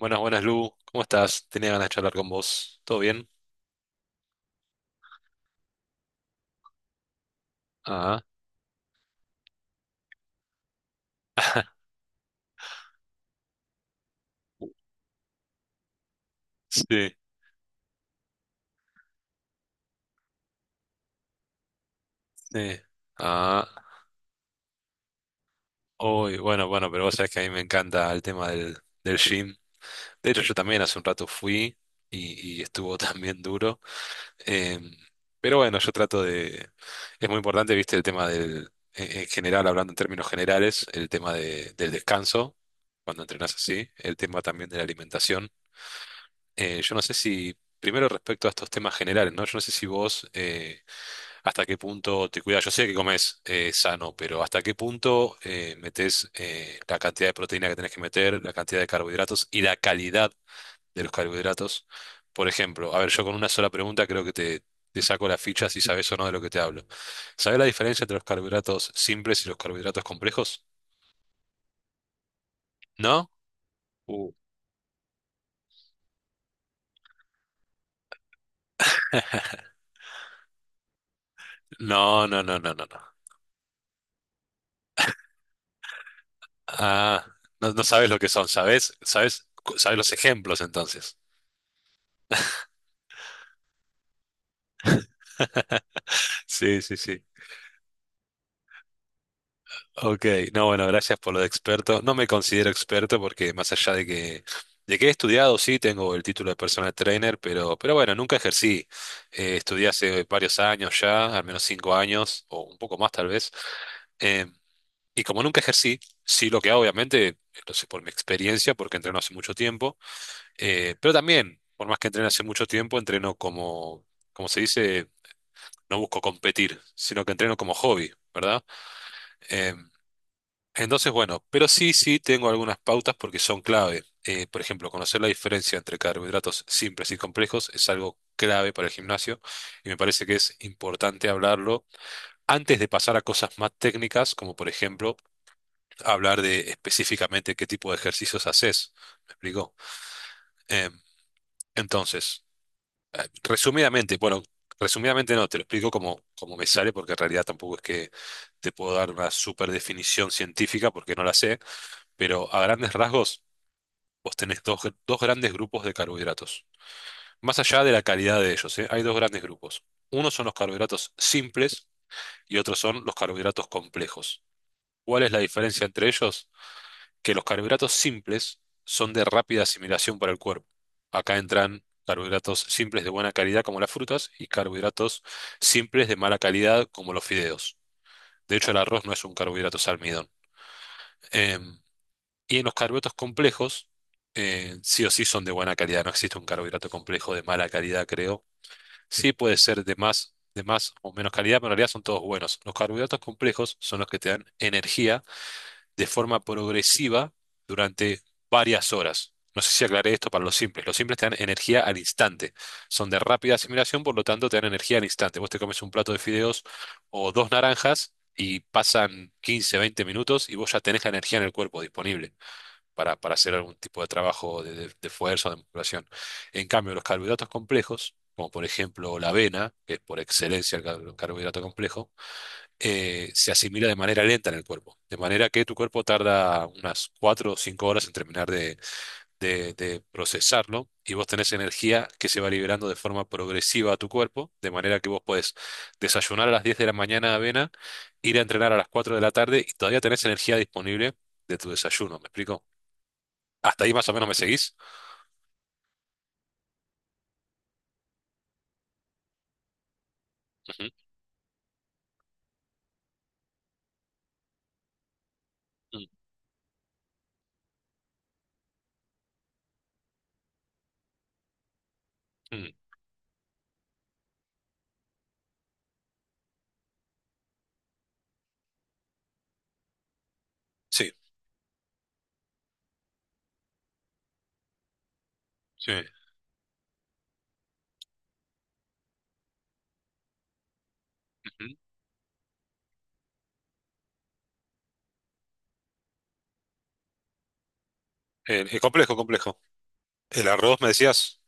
Buenas, buenas, Lu. ¿Cómo estás? Tenía ganas de charlar con vos. ¿Todo bien? Ah, sí, sí. Ah, uy, bueno, bueno, pero vos sabés que a mí me encanta el tema del, del gym. De hecho, yo también hace un rato fui y estuvo también duro. Em, pero bueno, yo trato de... Es muy importante, viste, el tema del... En general, hablando en términos generales, el tema del descanso, cuando entrenás así, el tema también de la alimentación. Yo no sé si, primero respecto a estos temas generales, ¿no? Yo no sé si vos hasta qué punto te cuidas. Yo sé que comes sano, pero hasta qué punto metes la cantidad de proteína que tenés que meter, la cantidad de carbohidratos y la calidad de los carbohidratos. Por ejemplo, a ver, yo con una sola pregunta creo que te saco la ficha si sabes o no de lo que te hablo. ¿Sabés la diferencia entre los carbohidratos simples y los carbohidratos complejos? ¿No? Uh, no, no, no, no, no, no. Ah, no, no sabes lo que son, ¿sabes? ¿Sabes? ¿Sabes los ejemplos entonces? Sí, sí, sí. Ok, no, bueno, gracias por lo de experto. No me considero experto porque más allá de que he estudiado, sí, tengo el título de personal trainer, pero bueno, nunca ejercí. Estudié hace varios años ya, al menos 5 años, o un poco más tal vez. Eh, y como nunca ejercí, sí lo que hago, obviamente, lo sé por mi experiencia, porque entreno hace mucho tiempo. Pero también, por más que entrene hace mucho tiempo, entreno como, como se dice, no busco competir, sino que entreno como hobby, ¿verdad? Eh, entonces, bueno, pero sí, sí tengo algunas pautas porque son clave. Por ejemplo, conocer la diferencia entre carbohidratos simples y complejos es algo clave para el gimnasio y me parece que es importante hablarlo antes de pasar a cosas más técnicas, como por ejemplo hablar de específicamente qué tipo de ejercicios haces. ¿Me explico? Em, entonces... resumidamente, bueno, resumidamente no, te lo explico como, como me sale, porque en realidad tampoco es que te puedo dar una super definición científica, porque no la sé, pero a grandes rasgos vos tenés dos, dos grandes grupos de carbohidratos. Más allá de la calidad de ellos, ¿eh? Hay dos grandes grupos. Unos son los carbohidratos simples y otros son los carbohidratos complejos. ¿Cuál es la diferencia entre ellos? Que los carbohidratos simples son de rápida asimilación para el cuerpo. Acá entran carbohidratos simples de buena calidad como las frutas y carbohidratos simples de mala calidad como los fideos. De hecho, el arroz no es un carbohidrato, es almidón. Em, y en los carbohidratos complejos, sí o sí son de buena calidad. No existe un carbohidrato complejo de mala calidad, creo. Sí puede ser de más o menos calidad, pero en realidad son todos buenos. Los carbohidratos complejos son los que te dan energía de forma progresiva durante varias horas. No sé si aclaré esto para los simples. Los simples te dan energía al instante. Son de rápida asimilación, por lo tanto te dan energía al instante. Vos te comes un plato de fideos o dos naranjas y pasan 15 20 minutos y vos ya tenés la energía en el cuerpo disponible para hacer algún tipo de trabajo de fuerza o de musculación. En cambio, los carbohidratos complejos, como por ejemplo la avena, que es por excelencia el carbohidrato complejo, se asimila de manera lenta en el cuerpo. De manera que tu cuerpo tarda unas 4 o 5 horas en terminar de, de procesarlo y vos tenés energía que se va liberando de forma progresiva a tu cuerpo. De manera que vos podés desayunar a las 10 de la mañana avena, ir a entrenar a las 4 de la tarde y todavía tenés energía disponible de tu desayuno. ¿Me explico? Hasta ahí más o menos me seguís. Ujú. Mm, mm. Sí, sí. Ujú. Es complejo, complejo. El arroz, me decías.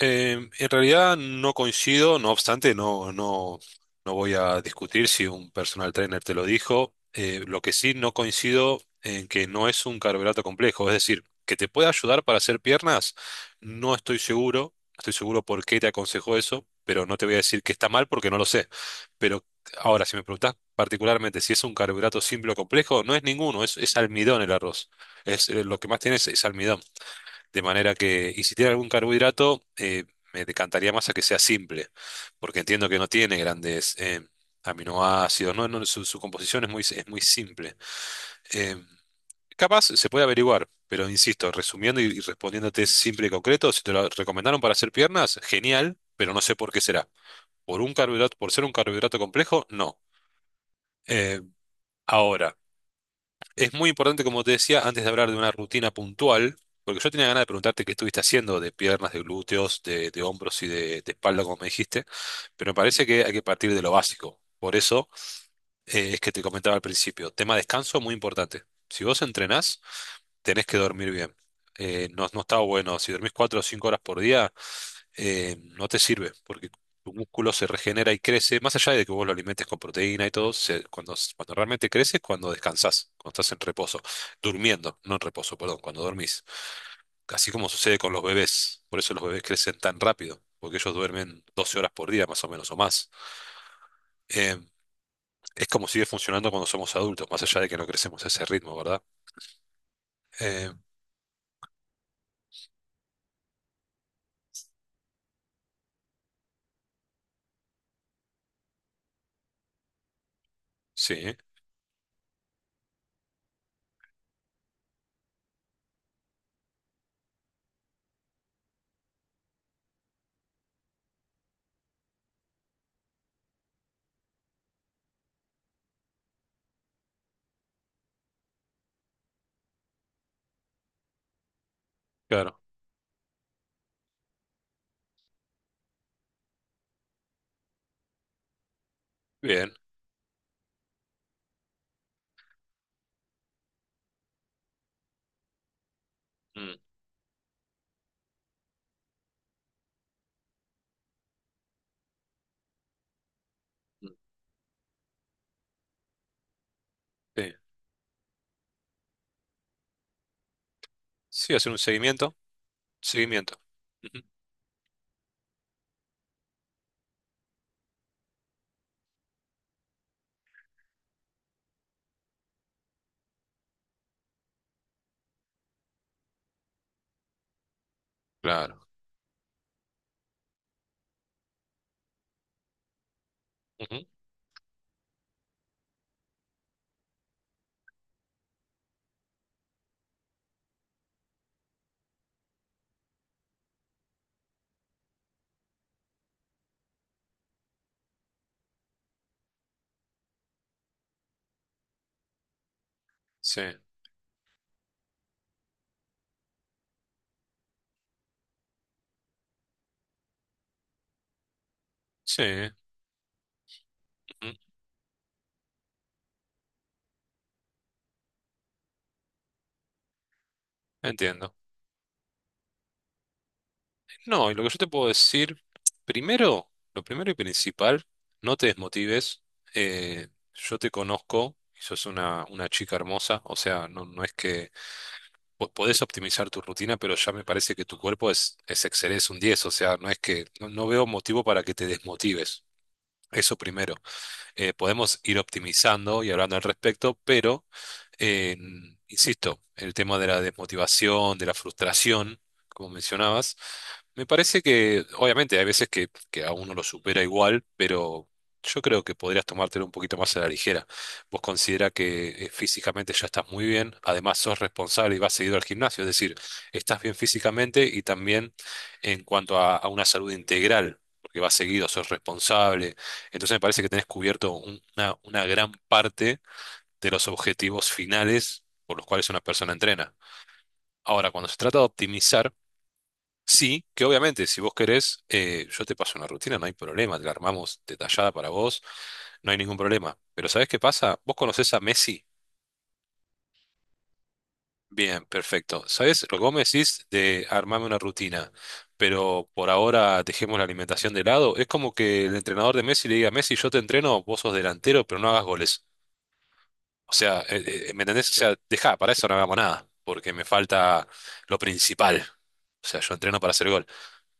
En realidad no coincido, no obstante, no, no, no voy a discutir si un personal trainer te lo dijo. Lo que sí no coincido en que no es un carbohidrato complejo, es decir, que te puede ayudar para hacer piernas, no estoy seguro, estoy seguro por qué te aconsejó eso, pero no te voy a decir que está mal porque no lo sé. Pero ahora, si me preguntás particularmente si es un carbohidrato simple o complejo, no es ninguno, es almidón el arroz. Es, lo que más tiene es almidón. De manera que, y si tiene algún carbohidrato, me decantaría más a que sea simple, porque entiendo que no tiene grandes aminoácidos, ¿no? No, su composición es muy simple. Eh, Capaz se puede averiguar, pero insisto, resumiendo y respondiéndote simple y concreto, si te lo recomendaron para hacer piernas, genial, pero no sé por qué será. Por un carbohidrato, por ser un carbohidrato complejo, no. Eh, Ahora. Es muy importante, como te decía, antes de hablar de una rutina puntual, porque yo tenía ganas de preguntarte qué estuviste haciendo de piernas, de glúteos, de hombros y de espalda, como me dijiste, pero me parece que hay que partir de lo básico. Por eso es que te comentaba al principio, tema descanso muy importante. Si vos entrenás, tenés que dormir bien. No, no está bueno, si dormís 4 o 5 horas por día, no te sirve, porque tu músculo se regenera y crece, más allá de que vos lo alimentes con proteína y todo, se- cuando, cuando realmente crece es cuando descansás, cuando estás en reposo, durmiendo, no en reposo, perdón, cuando dormís. Así como sucede con los bebés, por eso los bebés crecen tan rápido, porque ellos duermen 12 horas por día más o menos o más. Eh, es como sigue funcionando cuando somos adultos, más allá de que no crecemos a ese ritmo, ¿verdad? Eh, sí, claro, bien. Mm, mm, sí, sí, hacer un seguimiento, seguimiento. Ujú, claro. Ujú. Sí, sí, ujú, entiendo. No, y lo que yo te puedo decir, primero, lo primero y principal, no te desmotives. eh, yo te conozco y sos una chica hermosa, o sea, no, no es que podés optimizar tu rutina, pero ya me parece que tu cuerpo es excelente, es un 10, o sea, no es que, no, no veo motivo para que te desmotives. Eso primero. Podemos ir optimizando y hablando al respecto, pero Eh, insisto, el tema de la desmotivación, de la frustración, como mencionabas, me parece que, obviamente, hay veces que a uno lo supera igual, pero yo creo que podrías tomártelo un poquito más a la ligera. Vos considera que físicamente ya estás muy bien, además sos responsable y vas seguido al gimnasio, es decir, estás bien físicamente y también en cuanto a una salud integral. Porque vas seguido, sos responsable. Entonces me parece que tenés cubierto un- una gran parte de los objetivos finales por los cuales una persona entrena. Ahora, cuando se trata de optimizar, sí, que obviamente si vos querés, yo te paso una rutina, no hay problema, te la armamos detallada para vos, no hay ningún problema. Pero ¿sabés qué pasa? ¿Vos conocés a Messi? Bien, perfecto. ¿Sabés lo que vos me decís de armarme una rutina? Pero por ahora dejemos la alimentación de lado. Es como que el entrenador de Messi le diga, Messi, yo te entreno, vos sos delantero, pero no hagas goles. O sea, ¿me entendés? O sea, deja, para eso no hagamos nada, porque me falta lo principal. O sea, yo entreno para hacer gol.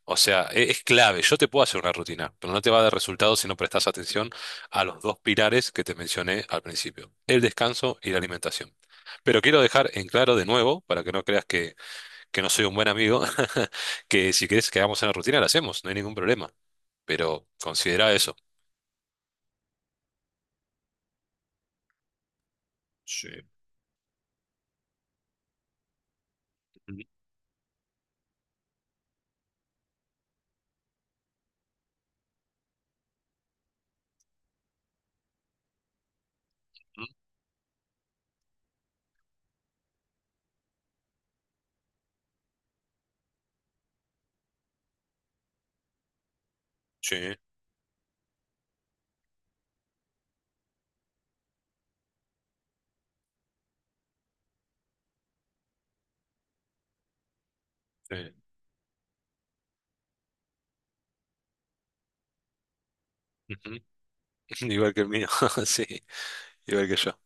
O sea, es, clave. Yo te puedo hacer una rutina, pero no te va a dar resultado si no prestas atención a los dos pilares que te mencioné al principio, el descanso y la alimentación. Pero quiero dejar en claro de nuevo, para que no creas que no soy un buen amigo, que si quieres que hagamos una rutina, la hacemos, no hay ningún problema. Pero considera eso. Sí. Ujú. Sí, sí. Ujú. Igual que el mío, sí. Igual que yo.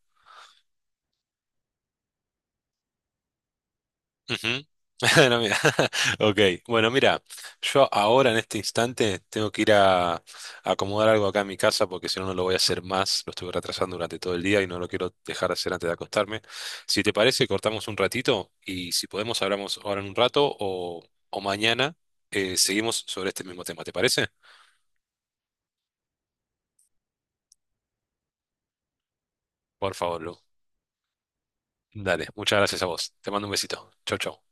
Ujú. No, mira. Ok, bueno, mira, yo ahora en este instante tengo que ir a acomodar algo acá en mi casa porque si no, no lo voy a hacer más. Lo estuve retrasando durante todo el día y no lo quiero dejar de hacer antes de acostarme. Si te parece, cortamos un ratito y si podemos, hablamos ahora en un rato o mañana seguimos sobre este mismo tema. ¿Te parece? Por favor, Lu. Dale, muchas gracias a vos. Te mando un besito. Chau, chau.